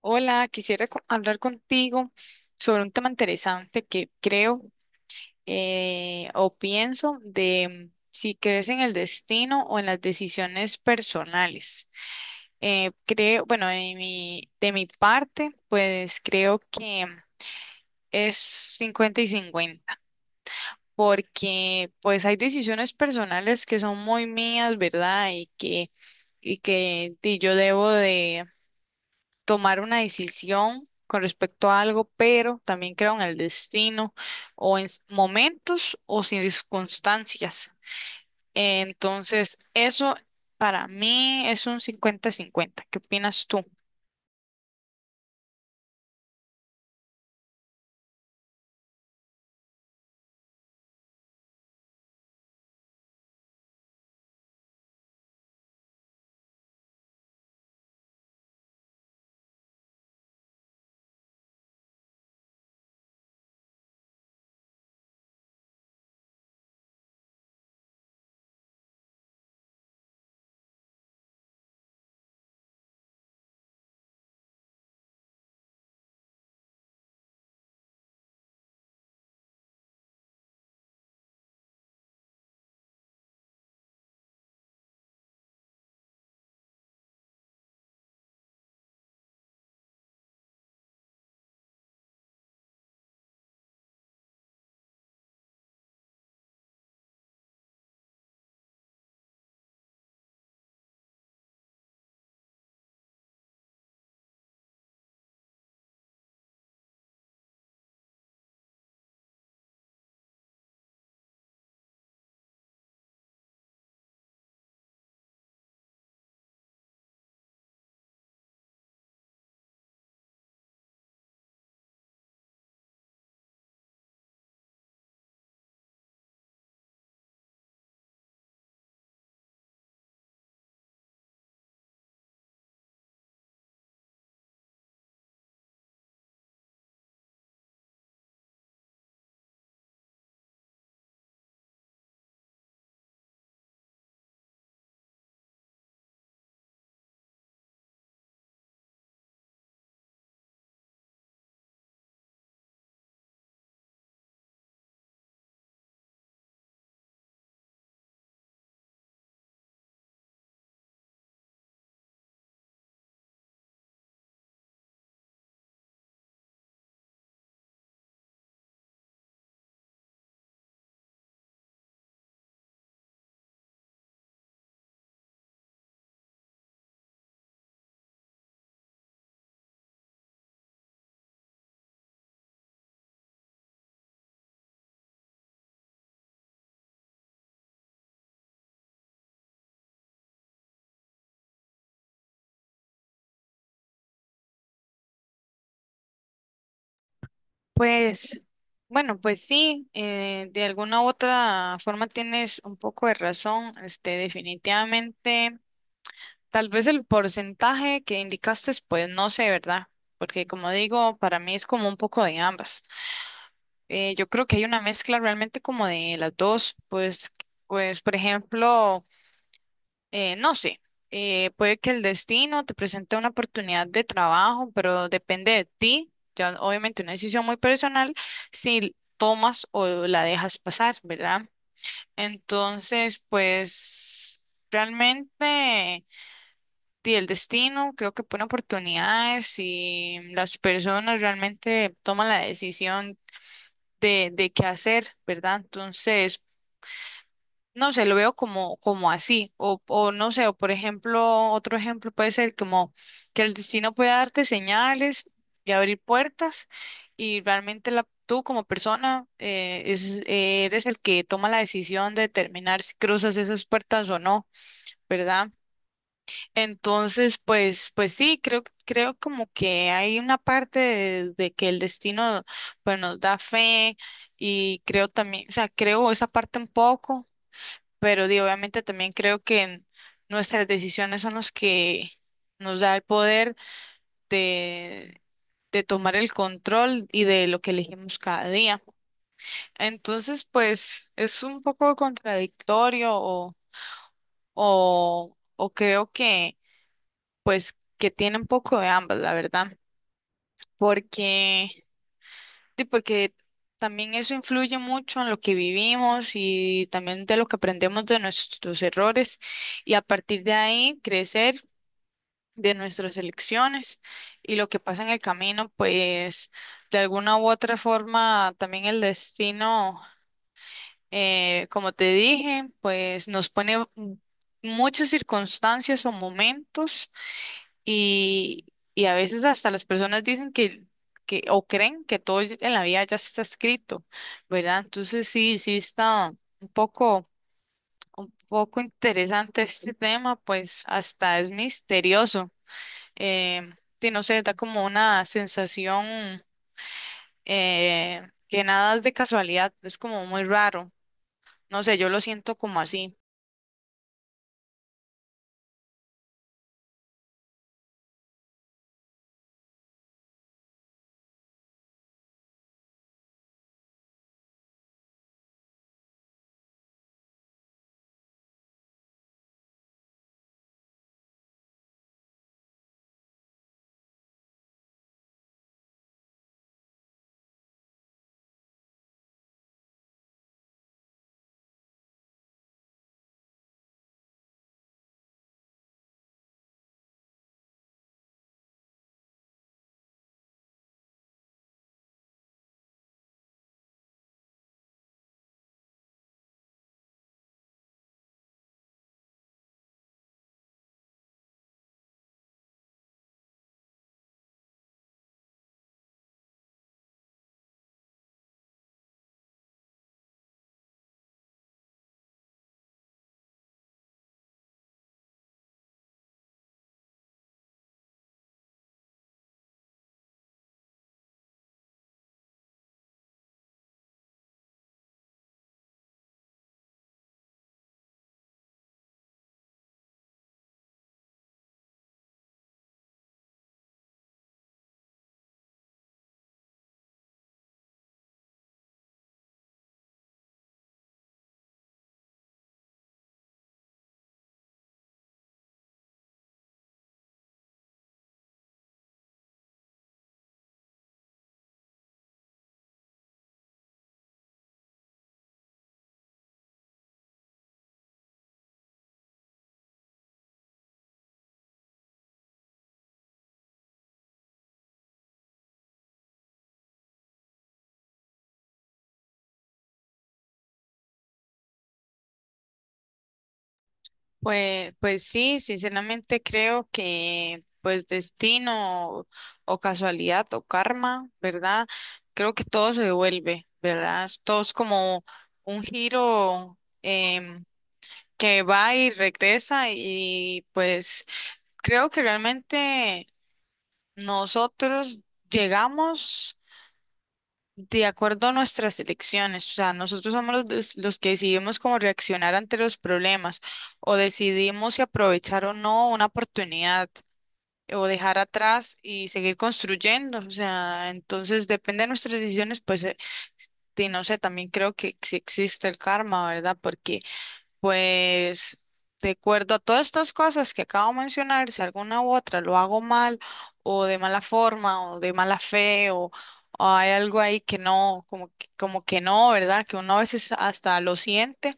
Hola, quisiera hablar contigo sobre un tema interesante que creo o pienso de si crees en el destino o en las decisiones personales. Creo, bueno, de mi parte, pues creo que es 50 y 50, porque pues hay decisiones personales que son muy mías, ¿verdad? Y yo debo de tomar una decisión con respecto a algo, pero también creo en el destino o en momentos o circunstancias. Entonces, eso para mí es un 50-50. ¿Qué opinas tú? Pues, bueno, pues sí, de alguna u otra forma tienes un poco de razón. Este, definitivamente, tal vez el porcentaje que indicaste, pues no sé, ¿verdad? Porque como digo, para mí es como un poco de ambas. Yo creo que hay una mezcla realmente como de las dos, pues, pues por ejemplo, no sé, puede que el destino te presente una oportunidad de trabajo, pero depende de ti, ya obviamente una decisión muy personal, si tomas o la dejas pasar, ¿verdad? Entonces, pues realmente sí, el destino creo que pone oportunidades y las personas realmente toman la decisión de qué hacer, ¿verdad? Entonces, no sé, lo veo como, como así, o no sé, o por ejemplo, otro ejemplo puede ser como que el destino puede darte señales y abrir puertas y realmente la, tú como persona es, eres el que toma la decisión de determinar si cruzas esas puertas o no, ¿verdad? Entonces, pues, pues sí, creo, creo como que hay una parte de que el destino, pues, nos da fe y creo también, o sea, creo esa parte un poco, pero di, obviamente también creo que nuestras decisiones son los que nos da el poder de, de tomar el control y de lo que elegimos cada día. Entonces, pues, es un poco contradictorio o creo que pues que tiene un poco de ambas, la verdad, porque, sí, porque también eso influye mucho en lo que vivimos y también de lo que aprendemos de nuestros errores y a partir de ahí crecer de nuestras elecciones y lo que pasa en el camino, pues de alguna u otra forma también el destino, como te dije, pues nos pone muchas circunstancias o momentos. Y, y a veces hasta las personas dicen que o creen que todo en la vida ya está escrito, ¿verdad? Entonces sí, sí está un poco, un poco interesante este tema, pues hasta es misterioso. Eh, sí, no sé, da como una sensación que nada es de casualidad, es como muy raro. No sé, yo lo siento como así. Pues, pues sí, sinceramente creo que pues destino o casualidad o karma, ¿verdad? Creo que todo se devuelve, ¿verdad? Todo es como un giro que va y regresa y pues creo que realmente nosotros llegamos de acuerdo a nuestras elecciones, o sea, nosotros somos los, los que decidimos cómo reaccionar ante los problemas o decidimos si aprovechar o no una oportunidad o dejar atrás y seguir construyendo, o sea, entonces depende de nuestras decisiones, pues, y no sé, también creo que sí existe el karma, ¿verdad? Porque pues de acuerdo a todas estas cosas que acabo de mencionar, si alguna u otra lo hago mal o de mala forma o de mala fe o hay algo ahí que no, como que no, ¿verdad? Que uno a veces hasta lo siente,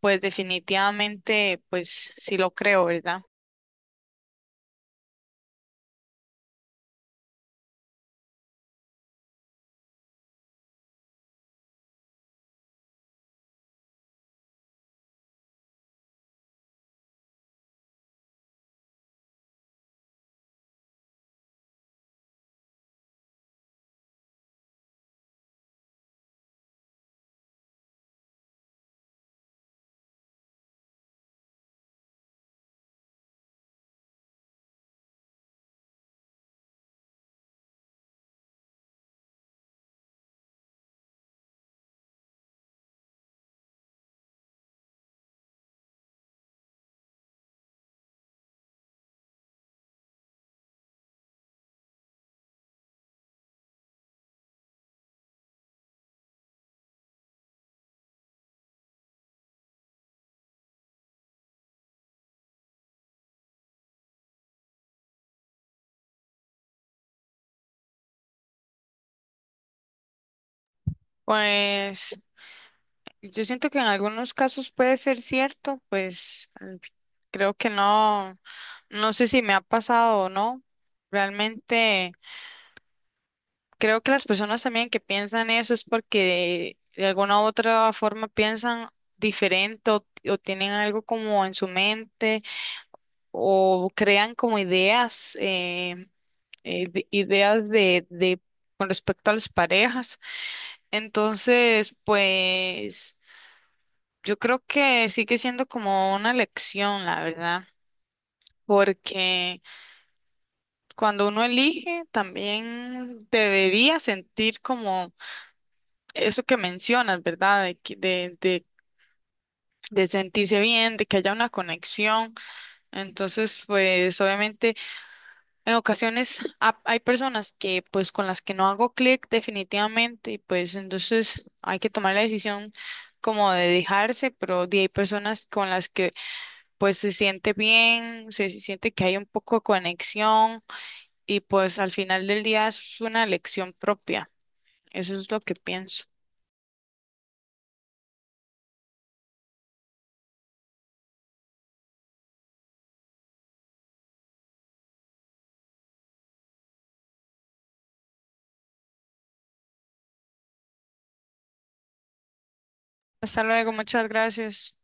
pues definitivamente, pues sí lo creo, ¿verdad? Pues yo siento que en algunos casos puede ser cierto, pues creo que no, no sé si me ha pasado o no. Realmente... Creo que las personas también que piensan eso es porque de alguna u otra forma piensan diferente o tienen algo como en su mente o crean como ideas, ideas de con respecto a las parejas. Entonces, pues yo creo que sigue siendo como una lección, la verdad, porque cuando uno elige también debería sentir como eso que mencionas, ¿verdad? De, de sentirse bien, de que haya una conexión. Entonces, pues obviamente en ocasiones hay personas que pues con las que no hago clic definitivamente y pues entonces hay que tomar la decisión como de dejarse, pero hay personas con las que pues se siente bien, se siente que hay un poco de conexión y pues al final del día es una elección propia. Eso es lo que pienso. Hasta luego, muchas gracias.